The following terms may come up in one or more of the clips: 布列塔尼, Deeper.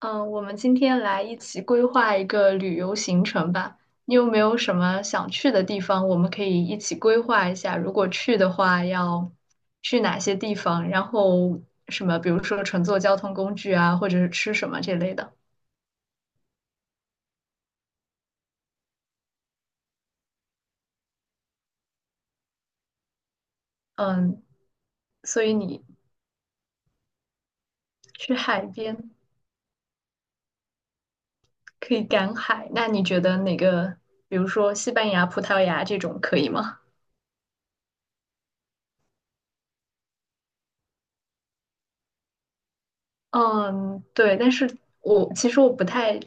嗯，我们今天来一起规划一个旅游行程吧。你有没有什么想去的地方？我们可以一起规划一下，如果去的话要去哪些地方，然后什么，比如说乘坐交通工具啊，或者是吃什么这类的。嗯，所以你去海边可以赶海，那你觉得哪个，比如说西班牙、葡萄牙这种可以吗？嗯，对，但是我其实不太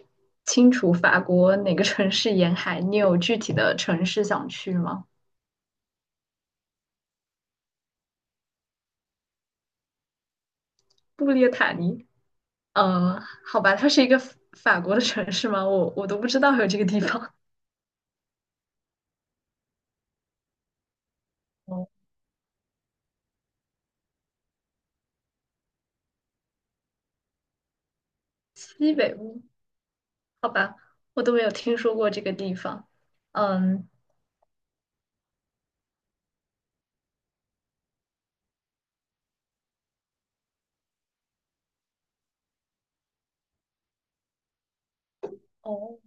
清楚法国哪个城市沿海，你有具体的城市想去吗？布列塔尼？嗯，好吧，它是一个法国的城市吗？我都不知道有这个地方。哦，西北部？好吧，我都没有听说过这个地方。嗯，哦，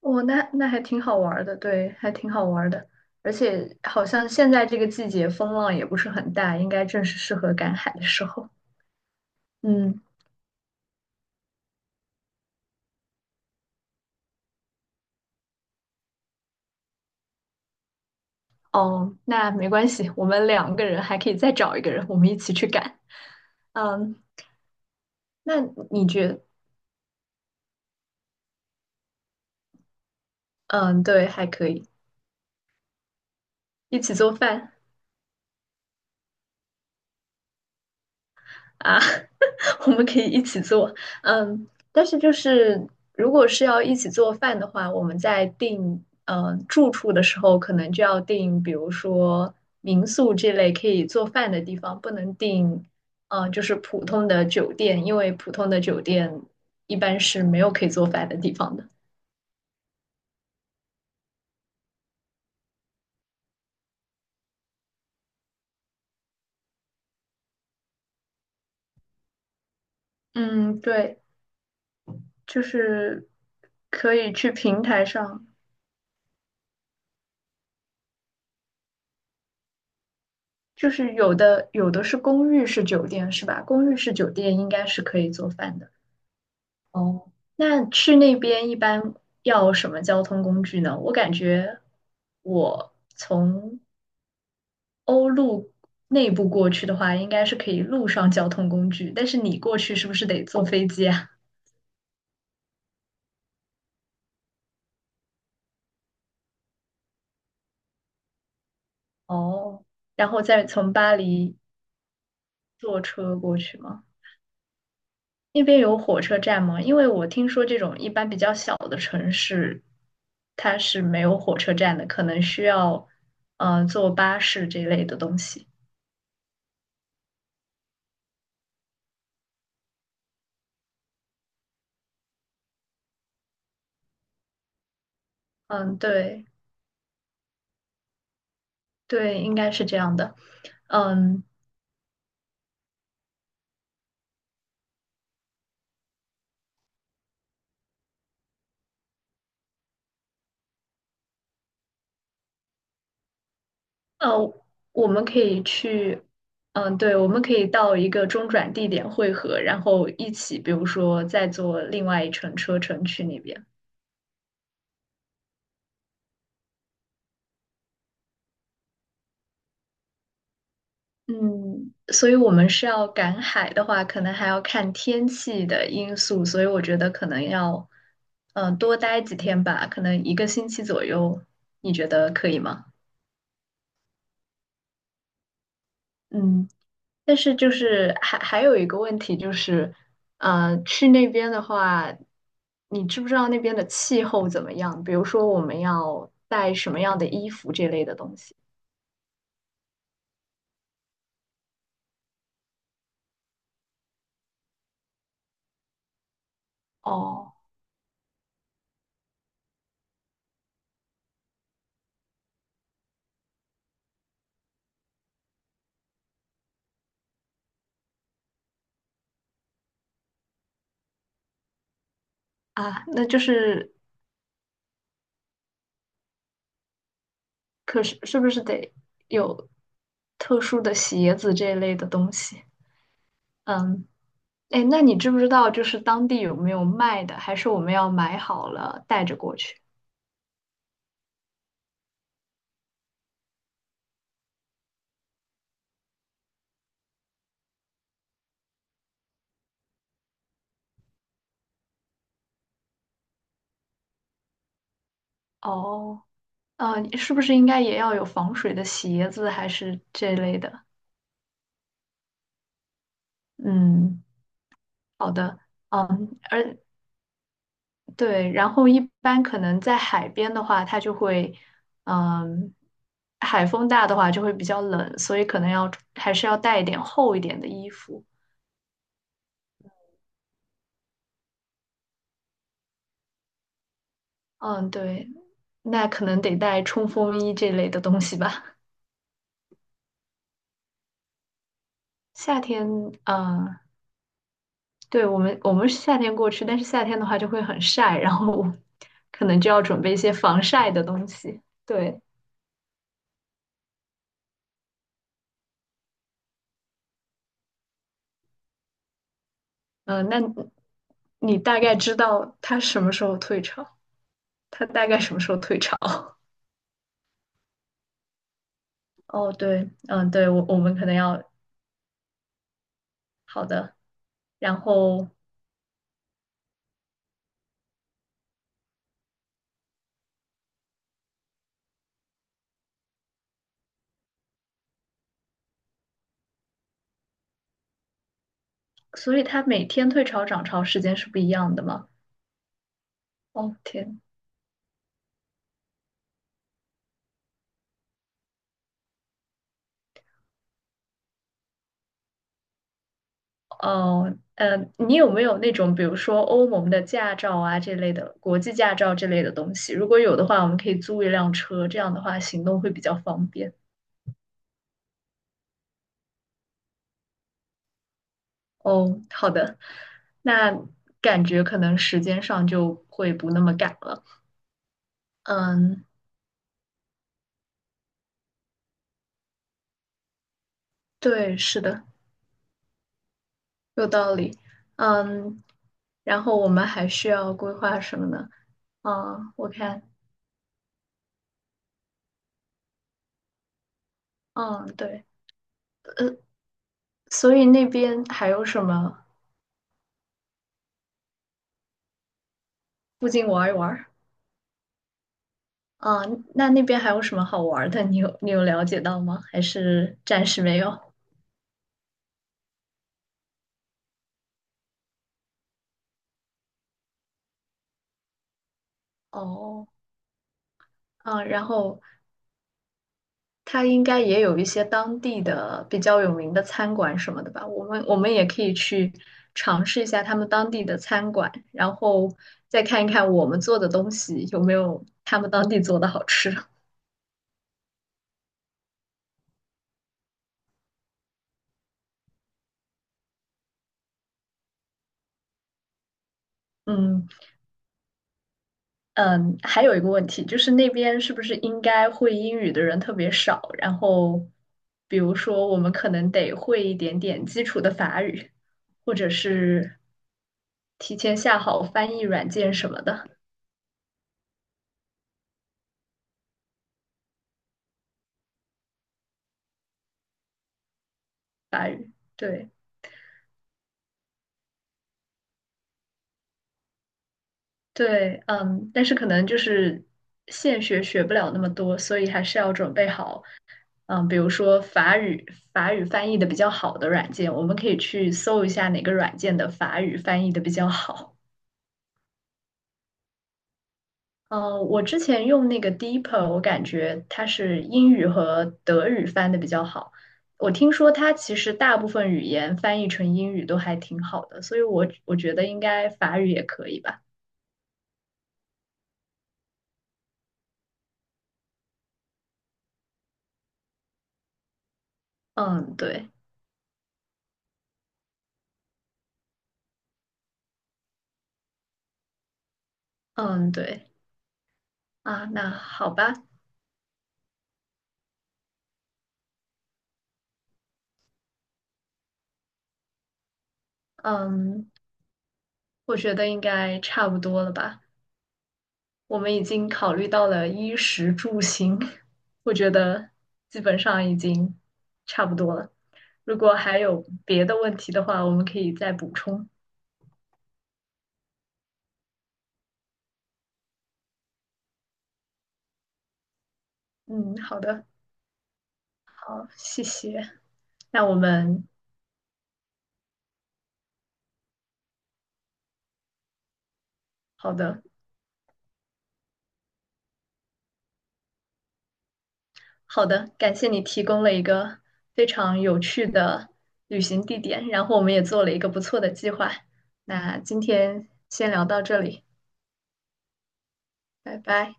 哦，那那还挺好玩儿的，对，还挺好玩儿的。而且好像现在这个季节风浪也不是很大，应该正是适合赶海的时候。嗯。哦，那没关系，我们两个人还可以再找一个人，我们一起去赶。嗯，那你觉嗯，对，还可以一起做饭啊，我们可以一起做。嗯，但是就是如果是要一起做饭的话，我们在订住处的时候，可能就要订，比如说民宿这类可以做饭的地方，不能订就是普通的酒店，因为普通的酒店一般是没有可以做饭的地方的。嗯，对，就是可以去平台上，就是有的是公寓式酒店是吧？公寓式酒店应该是可以做饭的。哦，那去那边一般要什么交通工具呢？我感觉我从欧陆内部过去的话，应该是可以路上交通工具，但是你过去是不是得坐飞机啊？哦，然后再从巴黎坐车过去吗？那边有火车站吗？因为我听说这种一般比较小的城市，它是没有火车站的，可能需要坐巴士这一类的东西。嗯，对对，应该是这样的。嗯呃，我们可以去，嗯，对，我们可以到一个中转地点汇合，然后一起，比如说再坐另外一程车程去那边。嗯，所以我们是要赶海的话，可能还要看天气的因素，所以我觉得可能要，嗯、多待几天吧，可能一个星期左右，你觉得可以吗？嗯，但是就是还有一个问题就是，去那边的话，你知不知道那边的气候怎么样？比如说我们要带什么样的衣服这类的东西？哦，啊，那就是可是是不是得有特殊的鞋子这一类的东西？嗯，哎，那你知不知道就是当地有没有卖的，还是我们要买好了带着过去？哦，嗯，你是不是应该也要有防水的鞋子，还是这类的？嗯，好的，嗯，而对，然后一般可能在海边的话，它就会，嗯，海风大的话就会比较冷，所以可能要还是要带一点厚一点的衣服。嗯，对，那可能得带冲锋衣这类的东西吧。夏天，啊，对，我们是夏天过去，但是夏天的话就会很晒，然后可能就要准备一些防晒的东西。对，嗯、那你大概知道它什么时候退潮？它大概什么时候退潮？哦，对，嗯，对，我们可能要好的。然后，所以它每天退潮涨潮时间是不一样的吗？哦，天，哦，你有没有那种，比如说欧盟的驾照啊这类的，国际驾照这类的东西？如果有的话，我们可以租一辆车，这样的话行动会比较方便。哦，好的，那感觉可能时间上就会不那么赶了。嗯，对，是的，有道理。嗯，然后我们还需要规划什么呢？嗯，我看，嗯，对，呃，所以那边还有什么附近玩一玩？啊，那那边还有什么好玩儿的？你有了解到吗？还是暂时没有？哦，啊，然后他应该也有一些当地的比较有名的餐馆什么的吧？我们也可以去尝试一下他们当地的餐馆，然后再看一看我们做的东西有没有他们当地做的好吃。嗯。嗯，还有一个问题就是那边是不是应该会英语的人特别少？然后，比如说我们可能得会一点点基础的法语，或者是提前下好翻译软件什么的法语。对对，嗯，但是可能就是现学学不了那么多，所以还是要准备好，嗯，比如说法语法语翻译的比较好的软件，我们可以去搜一下哪个软件的法语翻译的比较好。嗯，我之前用那个 Deeper，我感觉它是英语和德语翻的比较好。我听说它其实大部分语言翻译成英语都还挺好的，所以我觉得应该法语也可以吧。嗯，对，嗯，对，啊，那好吧，嗯，我觉得应该差不多了吧。我们已经考虑到了衣食住行，我觉得基本上已经差不多了。如果还有别的问题的话，我们可以再补充。嗯，好的，好，谢谢。那我们好的，好的，感谢你提供了一个非常有趣的旅行地点，然后我们也做了一个不错的计划。那今天先聊到这里，拜拜。